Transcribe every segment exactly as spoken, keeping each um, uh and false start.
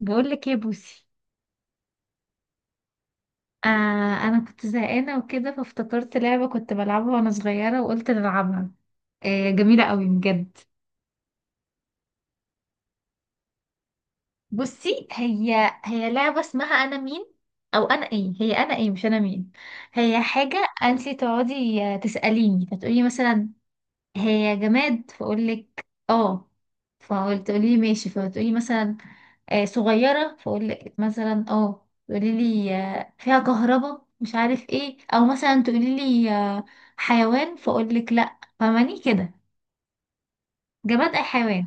بقول لك ايه يا بوسي؟ آه، انا كنت زهقانه وكده، فافتكرت لعبه كنت بلعبها وانا صغيره وقلت نلعبها. آه جميله قوي بجد. بصي، هي هي لعبه اسمها انا مين، او انا ايه. هي انا ايه مش انا مين. هي حاجه انت تقعدي آه، تساليني، فتقولي مثلا هي جماد، فاقول لك اه. فقلت تقولي لي ماشي، فتقولي مثلا آه، صغيرة، فأقول لك مثلا اه. تقولي لي آه، فيها كهرباء مش عارف ايه، او مثلا تقولي لي آه، حيوان، فأقول لك لا. فاهماني كده؟ جماد اي حيوان.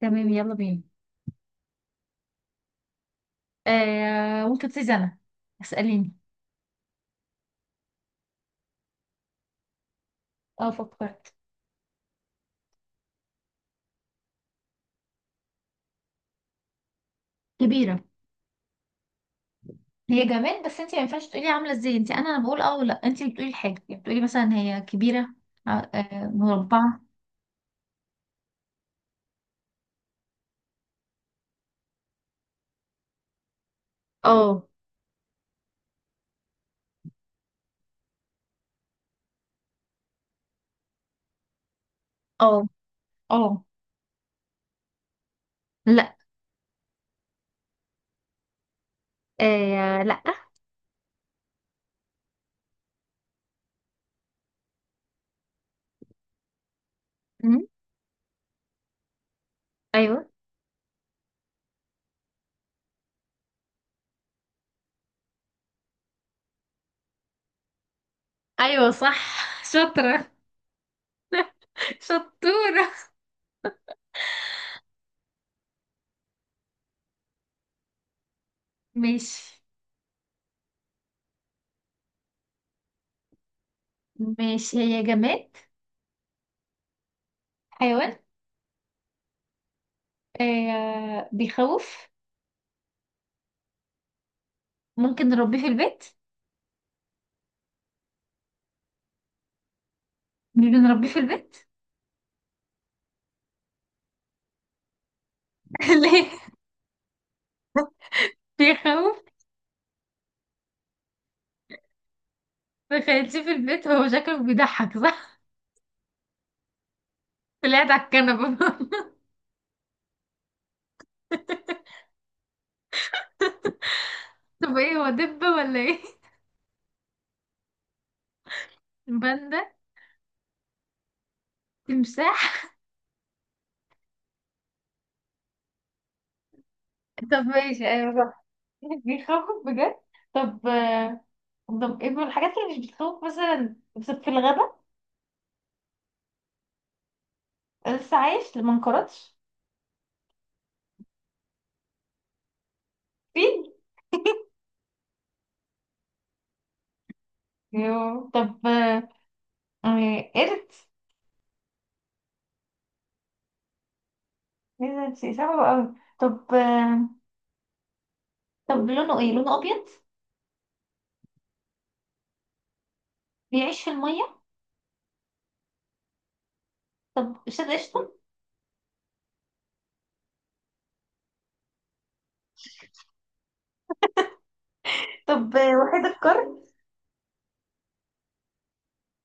تمام، يلا بينا. آه، ممكن تبتدي انا. اسأليني. اه، فكرت. كبيرة. هي جماد، بس انت ما ينفعش تقولي عاملة ازاي. انت انا انا بقول اه ولا انت اللي بتقولي الحاجة. يعني بتقولي مثلا هي كبيرة. آه، آه، مربعة. اه. اه. اه. لا. آه لا. مم، ايوه. ايوه صح. شاطرة. شطورة. ماشي. ماشي، هي جماد. حيوان. آه بيخوف؟ ممكن نربيه في البيت؟ مش بنربيه في البيت؟ ليه؟ بيخوف. بخليه في البيت، هو شكله بيضحك صح؟ طلع على الكنبة. طب ايه هو، دبة ولا ايه؟ باندا؟ تمساح؟ طب ماشي، ايوه صح. بيخوف بجد. طب آه، طب ايه من الحاجات اللي مش بتخوف، مثلا بس في الغابة؟ لسه عايش ما انقرضش؟ فين؟ يو. طب آه، قرد؟ ايه ده، انتي صعبة قوي. طب آه، طب لونه ايه، لونه ابيض؟ بيعيش في المية؟ طب استاذ قشطة. طب آه، وحيد القرن؟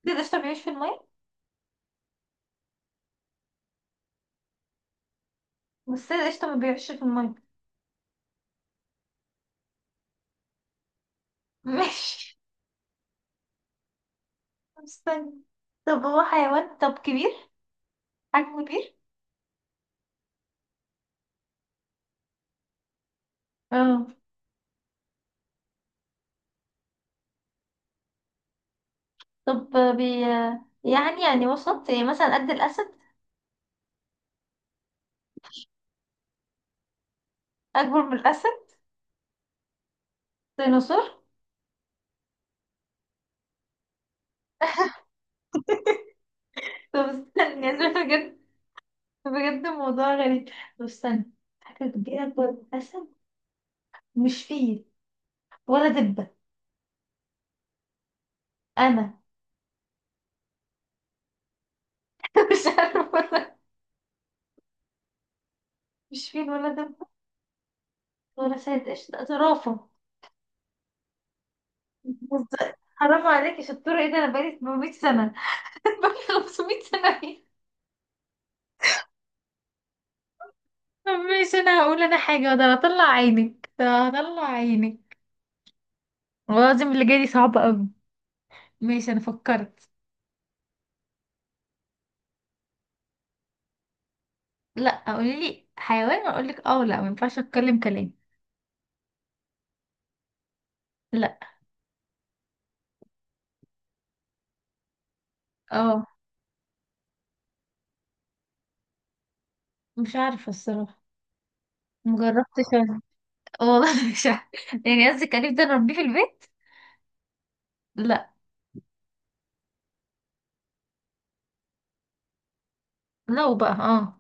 استاذ قشطة بيعيش في المية. بس استاذ قشطة ما بيعيش في المية. ماشي. استنى. طب هو حيوان، طب كبير، حجمه كبير. اه. طب آه، بي آه، يعني يعني وسط يعني، مثلا قد الاسد؟ اكبر من الاسد؟ ديناصور؟ طب استنى، يعني بجد، بجد الموضوع غريب. طب استنى، حاجة كبيرة أكبر من الأسد، مش فيل ولا دبة. أنا مش عارفة ولا. مش فيل ولا دبة ولا شاهد قشطة. زرافة؟ بص- حرام عليكي، شطورة ايه ده، أنا بقالي ثمنمية سنة. بقالي خمسمية سنة. ايه، مش أنا هقول أنا حاجة، ده أنا هطلع عينك، ده هطلع عينك. والله العظيم اللي جاي دي صعبة أوي. ماشي، أنا فكرت. لأ، قولي لي حيوان وأقول لك اه، لأ مينفعش أتكلم كلام. لأ. اه. مش عارفة الصراحة. مجربتش أنا. والله مش عارفة. يعني قصدك أليف، ده أنا أربيه في البيت؟ لأ. لو بقى اه.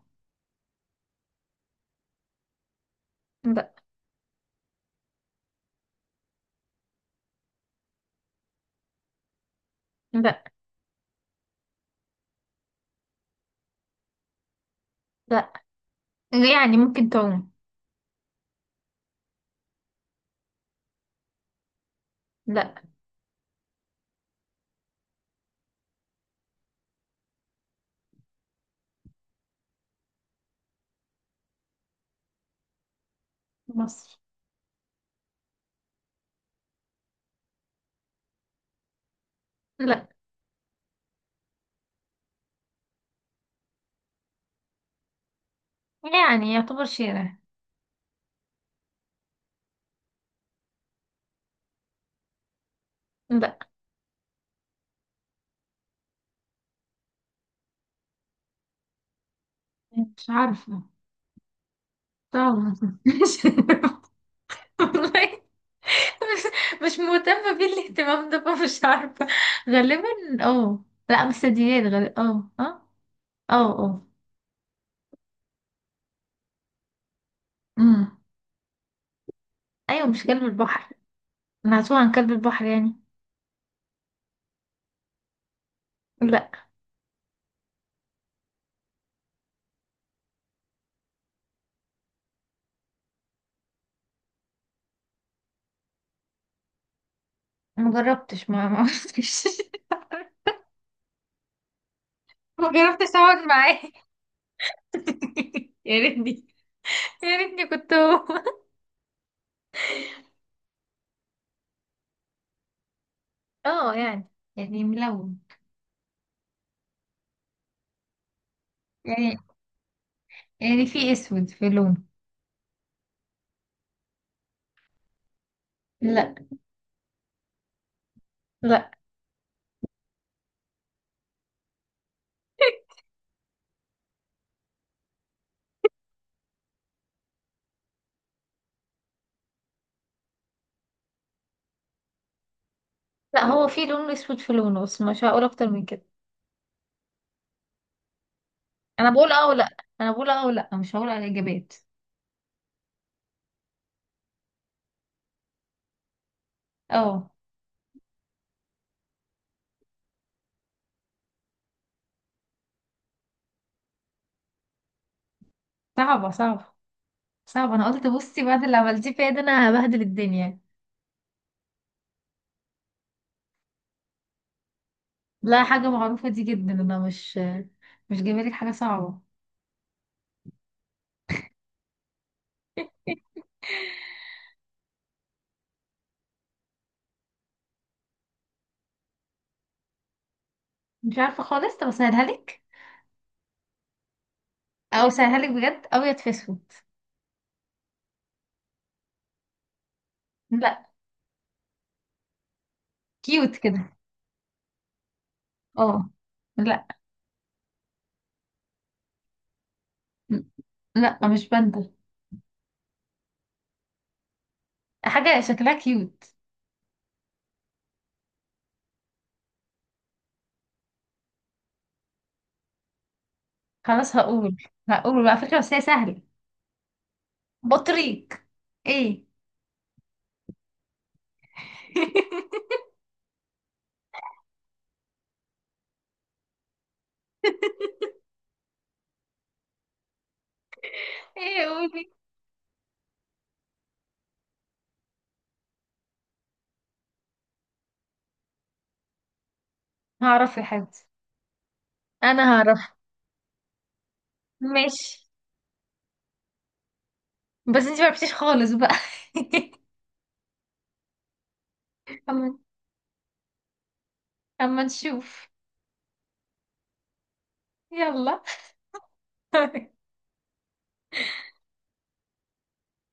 لا. لا. لا. يعني ممكن تعوم. لا. مصر. لا. يعني يعتبر شارع. لا. مش عارفة. طبعا مش. والله. مش. مش مهتمة بيه الاهتمام ده، فمش عارفة. غالبا. اه. لا مستديات غالبا، اه اه. اه اه. امم. ايوه مش كلب البحر. انا هتوه عن كلب البحر يعني. لا. مجربتش ما ما ما جربتش اقعد معاه. يا ريتني، يا ريتني كنت هو. اه يعني، يعني ملون. يعني يعني في اسود في لونه. لا. لا. لا هو في لون اسود في لونه، بس مش هقول اكتر من كده. انا بقول اه ولا انا بقول اه، ولا مش هقول على الاجابات. اه. صعبه صعبه صعبه. انا قلت بصي، بعد اللي عملتيه فيا ده انا هبهدل الدنيا. لا حاجه معروفه دي جدا، انا مش، مش جايبه لك حاجه صعبه. مش عارفه خالص. طب اسهلها لك، او اسهلها لك بجد: ابيض في اسود. لا. كيوت كده. اه. لا. لا مش باندا. حاجة شكلها كيوت. خلاص هقول. هقول بقى فكرة بس هي سهلة. بطريق. ايه. ايه قولي. هعرف يا حبيبتي. انا هعرف. ماشي، بس انتي معرفتيش خالص بقى. اما، اما نشوف. يلا.